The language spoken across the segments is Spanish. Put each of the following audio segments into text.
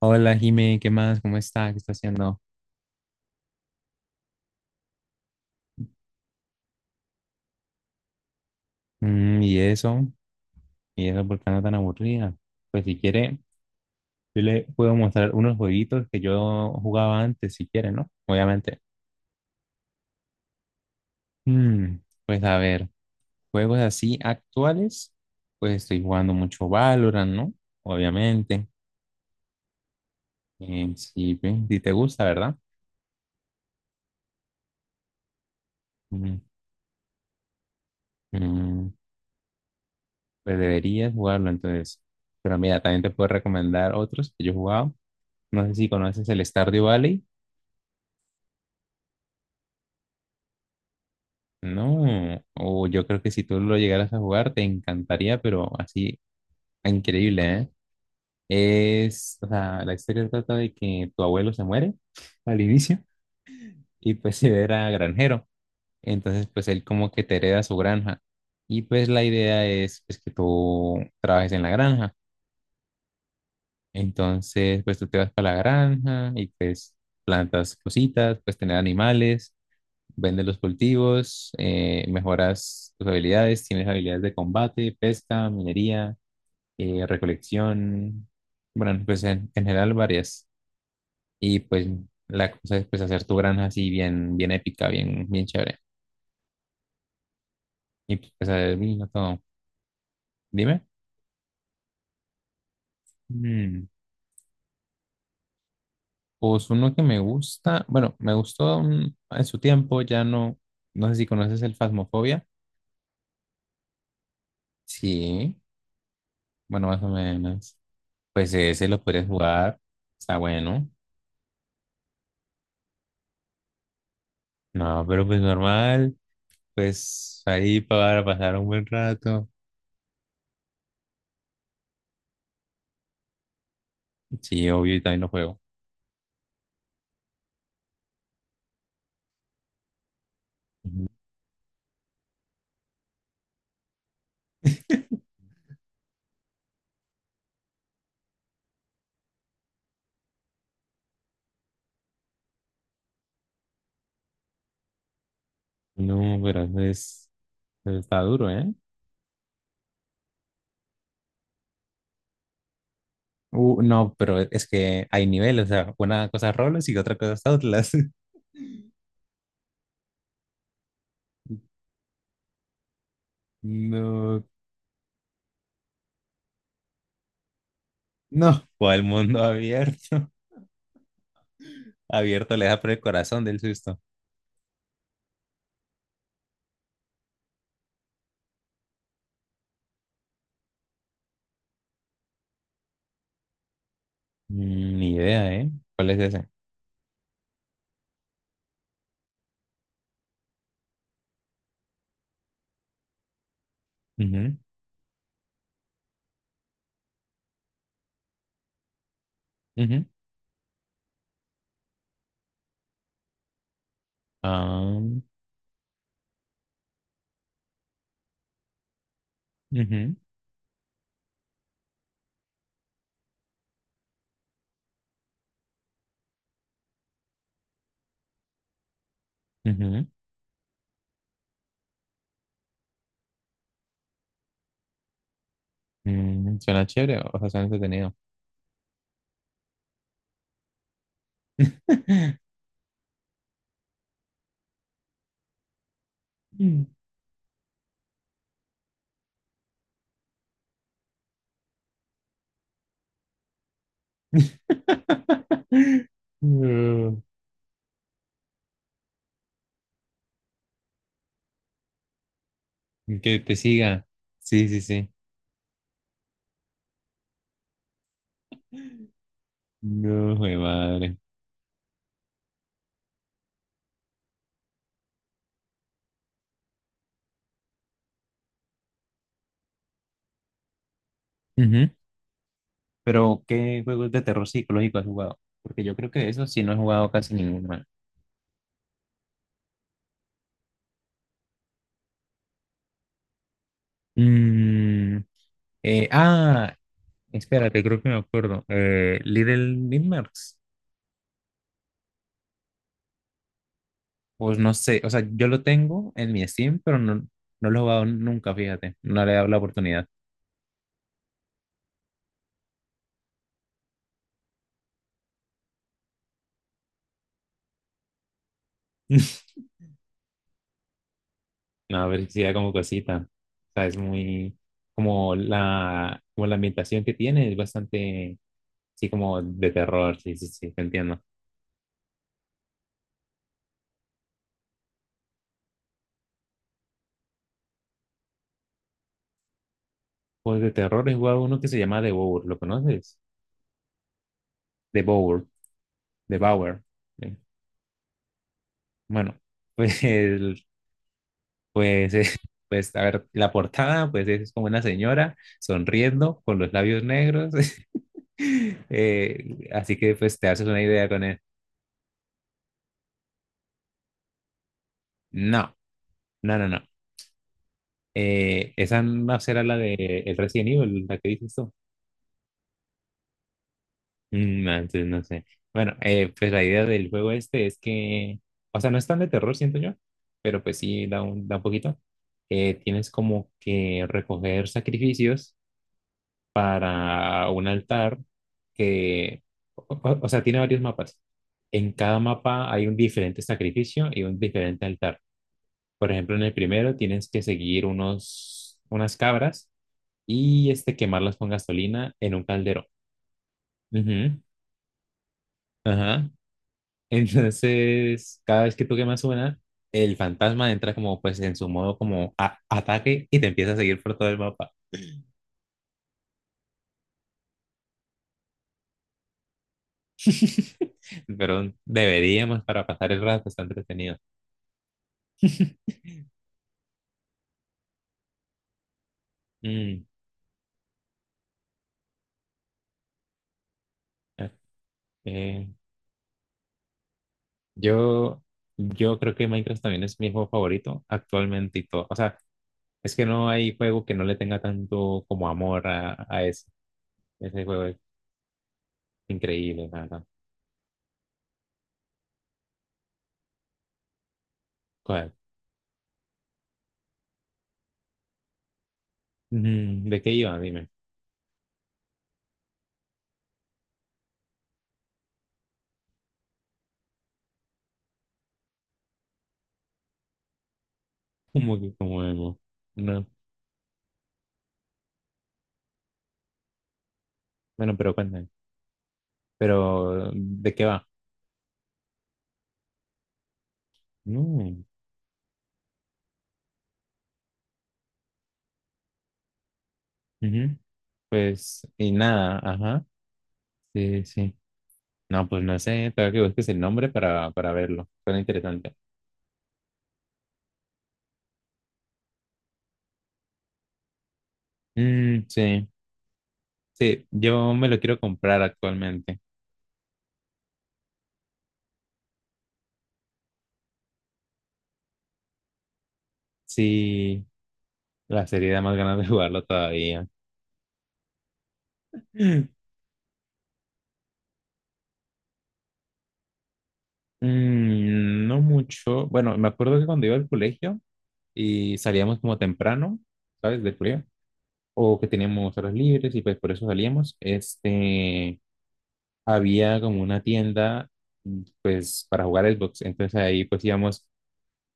Hola, Jime, ¿qué más? ¿Cómo está? ¿Qué está haciendo? Mm, y eso, y eso, ¿por qué anda tan aburrida? Pues si quiere, yo le puedo mostrar unos jueguitos que yo jugaba antes, si quiere, ¿no? Obviamente. Mm, pues a ver, juegos así actuales, pues estoy jugando mucho Valorant, ¿no? Obviamente. Si, si te gusta, ¿verdad? Mm, mm, pues deberías jugarlo entonces. Pero mira, también te puedo recomendar otros que yo he jugado. No sé si conoces el Stardew Valley. No, o yo creo que si tú lo llegaras a jugar te encantaría, pero así increíble, ¿eh? Es, o sea, la historia trata de que tu abuelo se muere al inicio y pues se era granjero, entonces pues él como que te hereda su granja y pues la idea es pues que tú trabajes en la granja, entonces pues tú te vas para la granja y pues plantas cositas, pues tener animales. Vendes los cultivos, mejoras tus habilidades, tienes habilidades de combate, pesca, minería, recolección, bueno, pues en general varias. Y pues la cosa es pues hacer tu granja así bien, bien épica, bien, bien chévere. Y pues hacer vino todo. Dime. Mm, Pues uno que me gusta, bueno, me gustó en su tiempo, ya no, no sé si conoces el Phasmophobia. Sí, bueno, más o menos. Pues ese lo puedes jugar, está bueno. No, pero pues normal, pues ahí para pasar un buen rato. Sí, obvio, y también lo juego. Ujú. No, pero eso es, eso está duro, ¿eh? No, pero es que hay niveles, o sea, una cosa es roles y otra cosa es Outlast. No, no, o el mundo abierto. Abierto le da por el corazón del susto. Mm, ni idea, ¿eh? ¿Cuál es ese? Ujú, ujú, ah, ujú, ujú. Suena chévere, o sea, suena entretenido. No, que te siga. Sí, sí, sí. No, jue madre. Ujú. Pero, ¿qué juegos de terror psicológico has jugado? Porque yo creo que eso sí no he jugado casi ninguno. Man. Mm, eh, ah, espérate, creo que me acuerdo. Little Nightmares. Pues no sé, o sea, yo lo tengo en mi Steam, pero no, no lo he jugado nunca, fíjate. No le he dado la oportunidad. No, pero sí da como cosita. O sea, es muy como la ambientación que tiene es bastante, sí, como de terror, sí, sí, sí, te entiendo. Pues de terror he jugado uno que se llama The Bower, ¿lo conoces? The Bower, The Bower. Sí. Bueno, pues, el- pues, eh, pues, a ver, la portada, pues es como una señora sonriendo con los labios negros. Así que pues te haces una idea con él. No, no, no, no. Esa no será la de el Resident Evil, la que dices tú. No, entonces no sé. Bueno, pues la idea del juego este es que, o sea, no es tan de terror, siento yo, pero pues sí da un poquito. Tienes como que recoger sacrificios para un altar que, o sea, tiene varios mapas. En cada mapa hay un diferente sacrificio y un diferente altar. Por ejemplo, en el primero tienes que seguir unos, unas cabras y este, quemarlas con gasolina en un calderón. Ujú, ajá. Entonces, cada vez que tú quemas una, el fantasma entra como pues en su modo como ataque y te empieza a seguir por todo el mapa. Pero deberíamos para pasar el rato, está entretenido. Mm, eh, yo, yo creo que Minecraft también es mi juego favorito actualmente y todo. O sea, es que no hay juego que no le tenga tanto como amor a eso. Ese juego es increíble, la verdad. Ujú, ¿de qué iba? Dime. ¿Como que como emo? No. Bueno, pero cuéntame. Pero, ¿de qué va? No. Ujú. Pues, y nada, ajá. Sí, sí. No, pues no sé, tengo que busques el nombre para verlo. Suena interesante. Mm, sí, sí, yo me lo quiero comprar actualmente. Sí, la serie da más ganas de jugarlo todavía. No mucho. Bueno, me acuerdo que cuando iba al colegio y salíamos como temprano, ¿sabes? Del colegio. O que teníamos horas libres y pues por eso salíamos, este, había como una tienda pues para jugar Xbox, entonces ahí pues íbamos,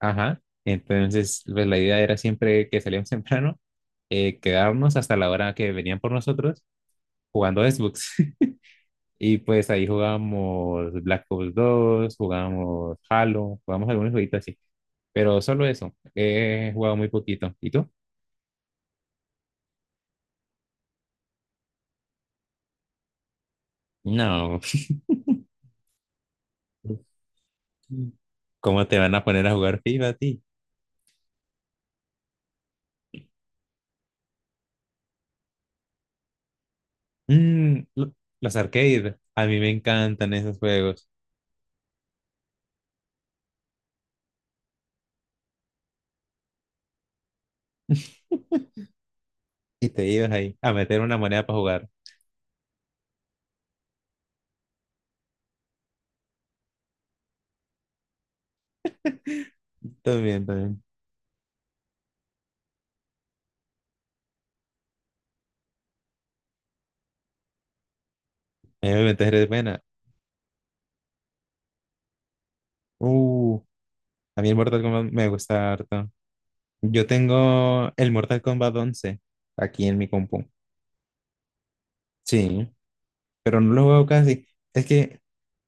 ajá, entonces pues la idea era siempre que salíamos temprano, quedarnos hasta la hora que venían por nosotros jugando Xbox. Y pues ahí jugábamos Black Ops 2, jugábamos Halo, jugábamos algunos jueguitos así. Pero solo eso, he jugado muy poquito. ¿Y tú? No. ¿Cómo te van a poner a jugar FIFA a ti? Mm, lo- los arcades, a mí me encantan esos juegos. Y te ibas ahí a meter una moneda para jugar. También, también. A mí me metes de pena. Uh, a mí el Mortal Kombat me gusta harto. Yo tengo el Mortal Kombat 11 aquí en mi compu. Sí, pero no lo juego casi. Es que,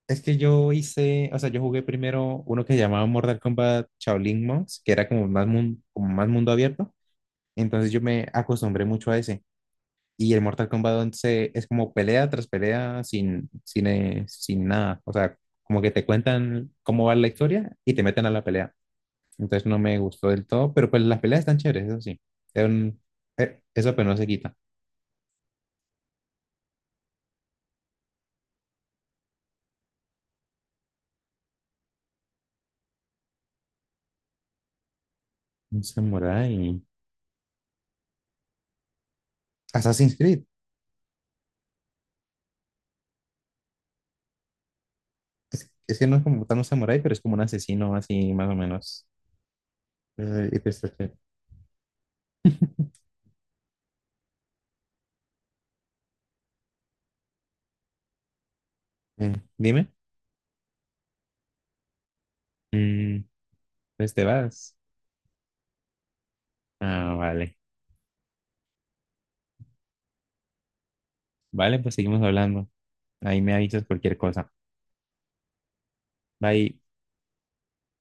es que yo hice, o sea, yo jugué primero uno que llamaba Mortal Kombat Shaolin Monks, que era como más, como más mundo abierto. Entonces yo me acostumbré mucho a ese. Y el Mortal Kombat 11 es como pelea tras pelea sin nada. O sea, como que te cuentan cómo va la historia y te meten a la pelea. Entonces no me gustó del todo, pero pues las peleas están chéveres, eso sí. Es un- eso pero no se quita. Un samurai. Assassin's Creed. Es que no es como tan un samurái, pero es como un asesino así más o menos. Eh, y pues, eh, dime. Mm, pues te vas. Ah, vale. Vale, pues seguimos hablando. Ahí me avisas cualquier cosa. Bye.